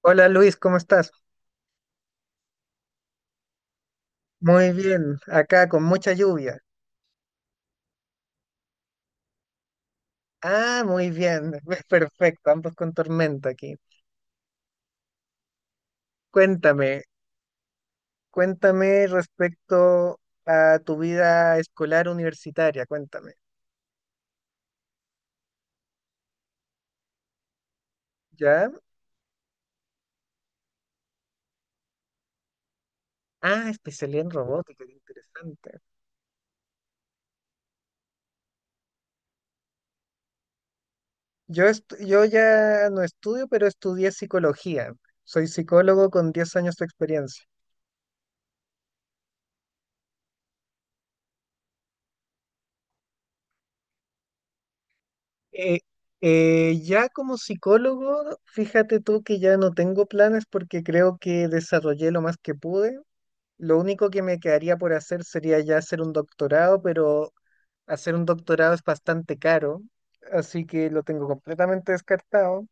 Hola Luis, ¿cómo estás? Muy bien, acá con mucha lluvia. Ah, muy bien, perfecto, ambos con tormenta aquí. Cuéntame, cuéntame respecto a tu vida escolar universitaria, cuéntame. ¿Ya? Ah, especialidad en robótica, qué interesante. Yo, yo ya no estudio, pero estudié psicología. Soy psicólogo con 10 años de experiencia. Eh, ya como psicólogo, fíjate tú que ya no tengo planes porque creo que desarrollé lo más que pude. Lo único que me quedaría por hacer sería ya hacer un doctorado, pero hacer un doctorado es bastante caro, así que lo tengo completamente descartado.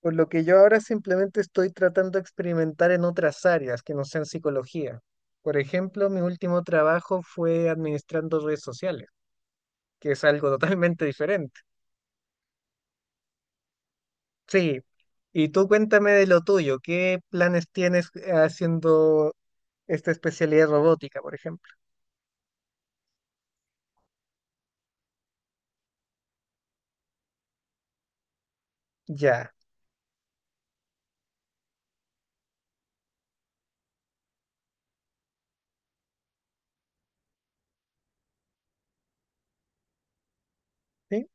Por lo que yo ahora simplemente estoy tratando de experimentar en otras áreas que no sean psicología. Por ejemplo, mi último trabajo fue administrando redes sociales, que es algo totalmente diferente. Sí, y tú cuéntame de lo tuyo, ¿qué planes tienes haciendo esta especialidad robótica, por ejemplo? Ya, ¿sí?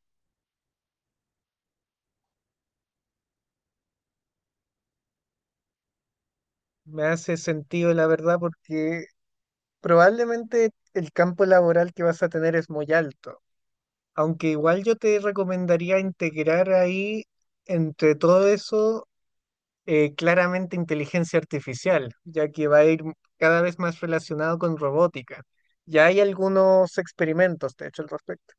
Me hace sentido, la verdad, porque probablemente el campo laboral que vas a tener es muy alto, aunque igual yo te recomendaría integrar ahí, entre todo eso, claramente inteligencia artificial, ya que va a ir cada vez más relacionado con robótica. Ya hay algunos experimentos, de hecho, al respecto.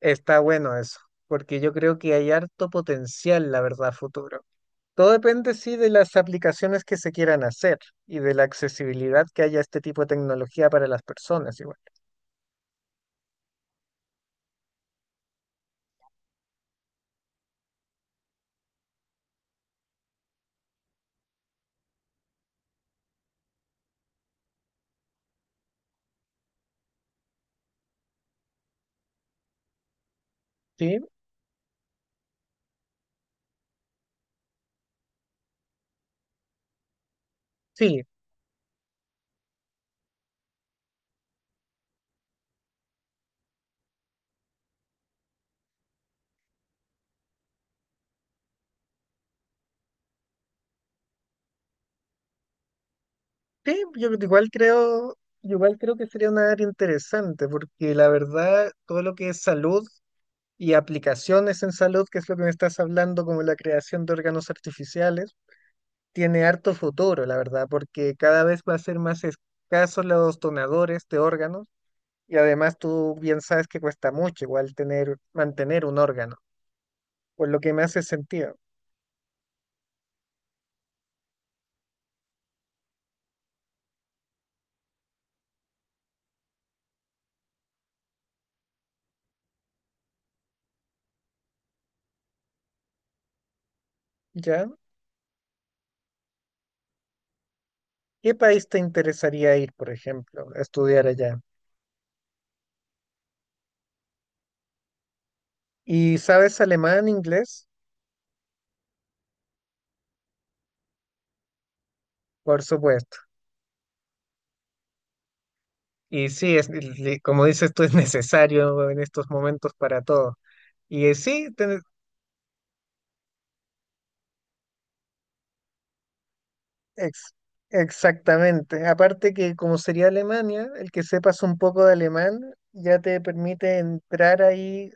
Está bueno eso, porque yo creo que hay harto potencial, la verdad, a futuro. Todo depende, sí, de las aplicaciones que se quieran hacer y de la accesibilidad que haya a este tipo de tecnología para las personas, igual. Sí, sí, sí, yo igual creo que sería una área interesante, porque la verdad, todo lo que es salud y aplicaciones en salud, que es lo que me estás hablando, como la creación de órganos artificiales, tiene harto futuro, la verdad, porque cada vez va a ser más escasos los donadores de órganos y además tú bien sabes que cuesta mucho igual tener, mantener un órgano, por lo que me hace sentido, ¿ya? ¿Qué país te interesaría ir, por ejemplo, a estudiar allá? ¿Y sabes alemán, inglés? Por supuesto. Y sí, es, como dices tú, es necesario en estos momentos para todo. Y sí, Ex- exactamente. Aparte que como sería Alemania, el que sepas un poco de alemán ya te permite entrar ahí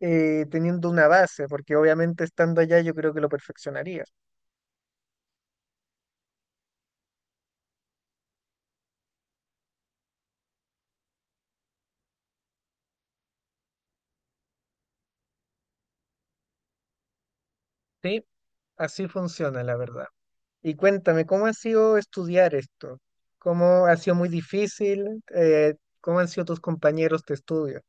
teniendo una base, porque obviamente estando allá yo creo que lo perfeccionarías. Sí, así funciona, la verdad. Y cuéntame, ¿cómo ha sido estudiar esto? ¿Cómo ha sido muy difícil? ¿Cómo han sido tus compañeros de estudio?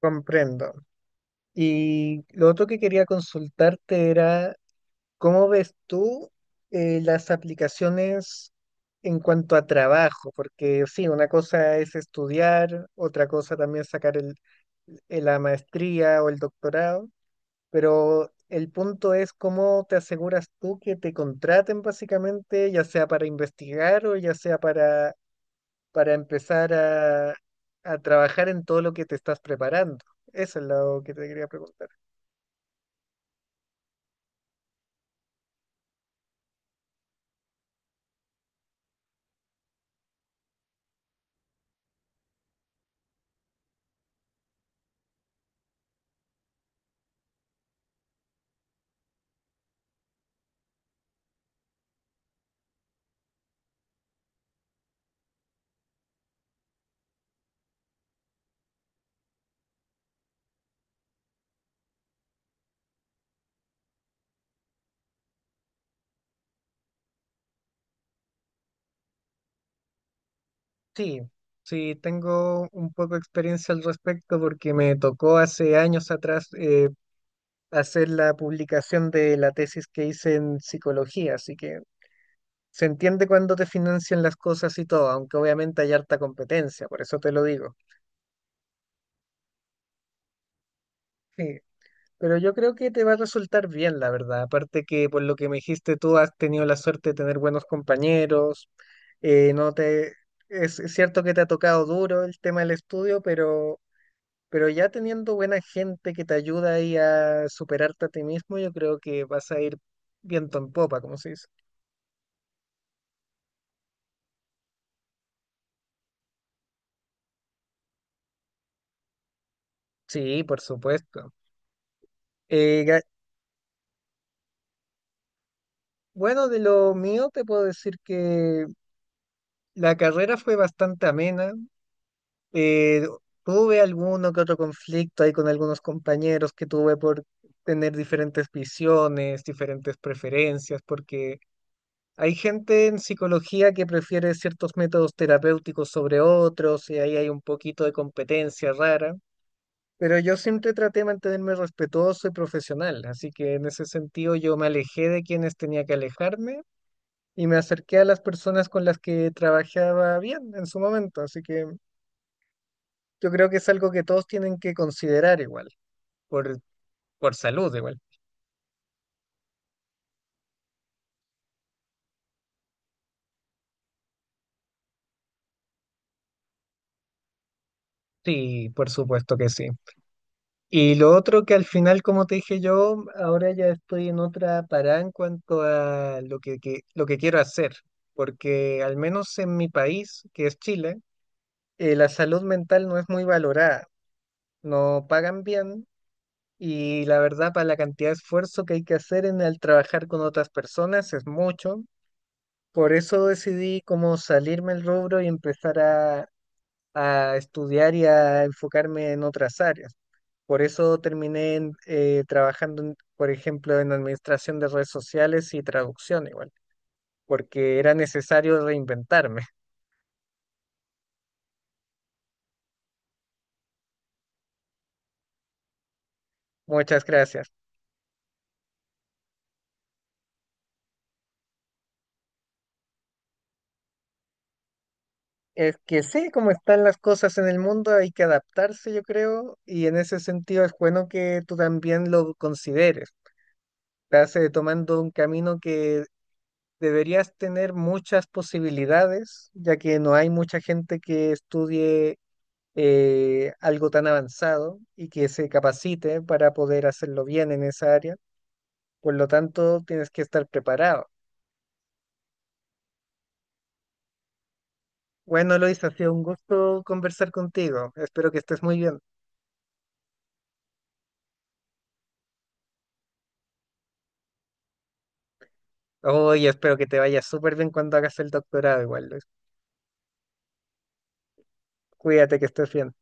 Comprendo. Y lo otro que quería consultarte era: ¿cómo ves tú las aplicaciones en cuanto a trabajo? Porque sí, una cosa es estudiar, otra cosa también sacar la maestría o el doctorado, pero el punto es cómo te aseguras tú que te contraten básicamente, ya sea para investigar o ya sea para empezar a trabajar en todo lo que te estás preparando. Eso es lo que te quería preguntar. Sí, sí, tengo un poco de experiencia al respecto porque me tocó hace años atrás hacer la publicación de la tesis que hice en psicología, así que se entiende cuando te financian las cosas y todo, aunque obviamente hay harta competencia, por eso te lo digo. Sí, pero yo creo que te va a resultar bien, la verdad, aparte que por lo que me dijiste tú has tenido la suerte de tener buenos compañeros, no te... Es cierto que te ha tocado duro el tema del estudio, pero... Pero ya teniendo buena gente que te ayuda ahí a superarte a ti mismo, yo creo que vas a ir viento en popa, como se dice. Sí, por supuesto. Eh, ga- bueno, de lo mío te puedo decir que la carrera fue bastante amena. Eh, Tuve alguno que otro conflicto ahí con algunos compañeros que tuve por tener diferentes visiones, diferentes preferencias, porque hay gente en psicología que prefiere ciertos métodos terapéuticos sobre otros y ahí hay un poquito de competencia rara, pero yo siempre traté de mantenerme respetuoso y profesional, así que en ese sentido yo me alejé de quienes tenía que alejarme y me acerqué a las personas con las que trabajaba bien en su momento, así que yo creo que es algo que todos tienen que considerar igual, por, por salud igual. Sí, por supuesto que sí. Y lo otro que al final, como te dije yo, ahora ya estoy en otra parada en cuanto a lo lo que quiero hacer, porque al menos en mi país, que es Chile, la salud mental no es muy valorada, no pagan bien y la verdad para la cantidad de esfuerzo que hay que hacer en el trabajar con otras personas es mucho. Por eso decidí como salirme del rubro y empezar a estudiar y a enfocarme en otras áreas. Por eso trabajando, en, por ejemplo, en administración de redes sociales y traducción igual, porque era necesario reinventarme. Muchas gracias. Es que sí, como están las cosas en el mundo, hay que adaptarse, yo creo, y en ese sentido es bueno que tú también lo consideres. Estás tomando un camino que deberías tener muchas posibilidades, ya que no hay mucha gente que estudie algo tan avanzado y que se capacite para poder hacerlo bien en esa área. Por lo tanto, tienes que estar preparado. Bueno, Lois, ha sido un gusto conversar contigo. Espero que estés muy bien. Oye, espero que te vaya súper bien cuando hagas el doctorado igual, Lois. Cuídate que estés bien.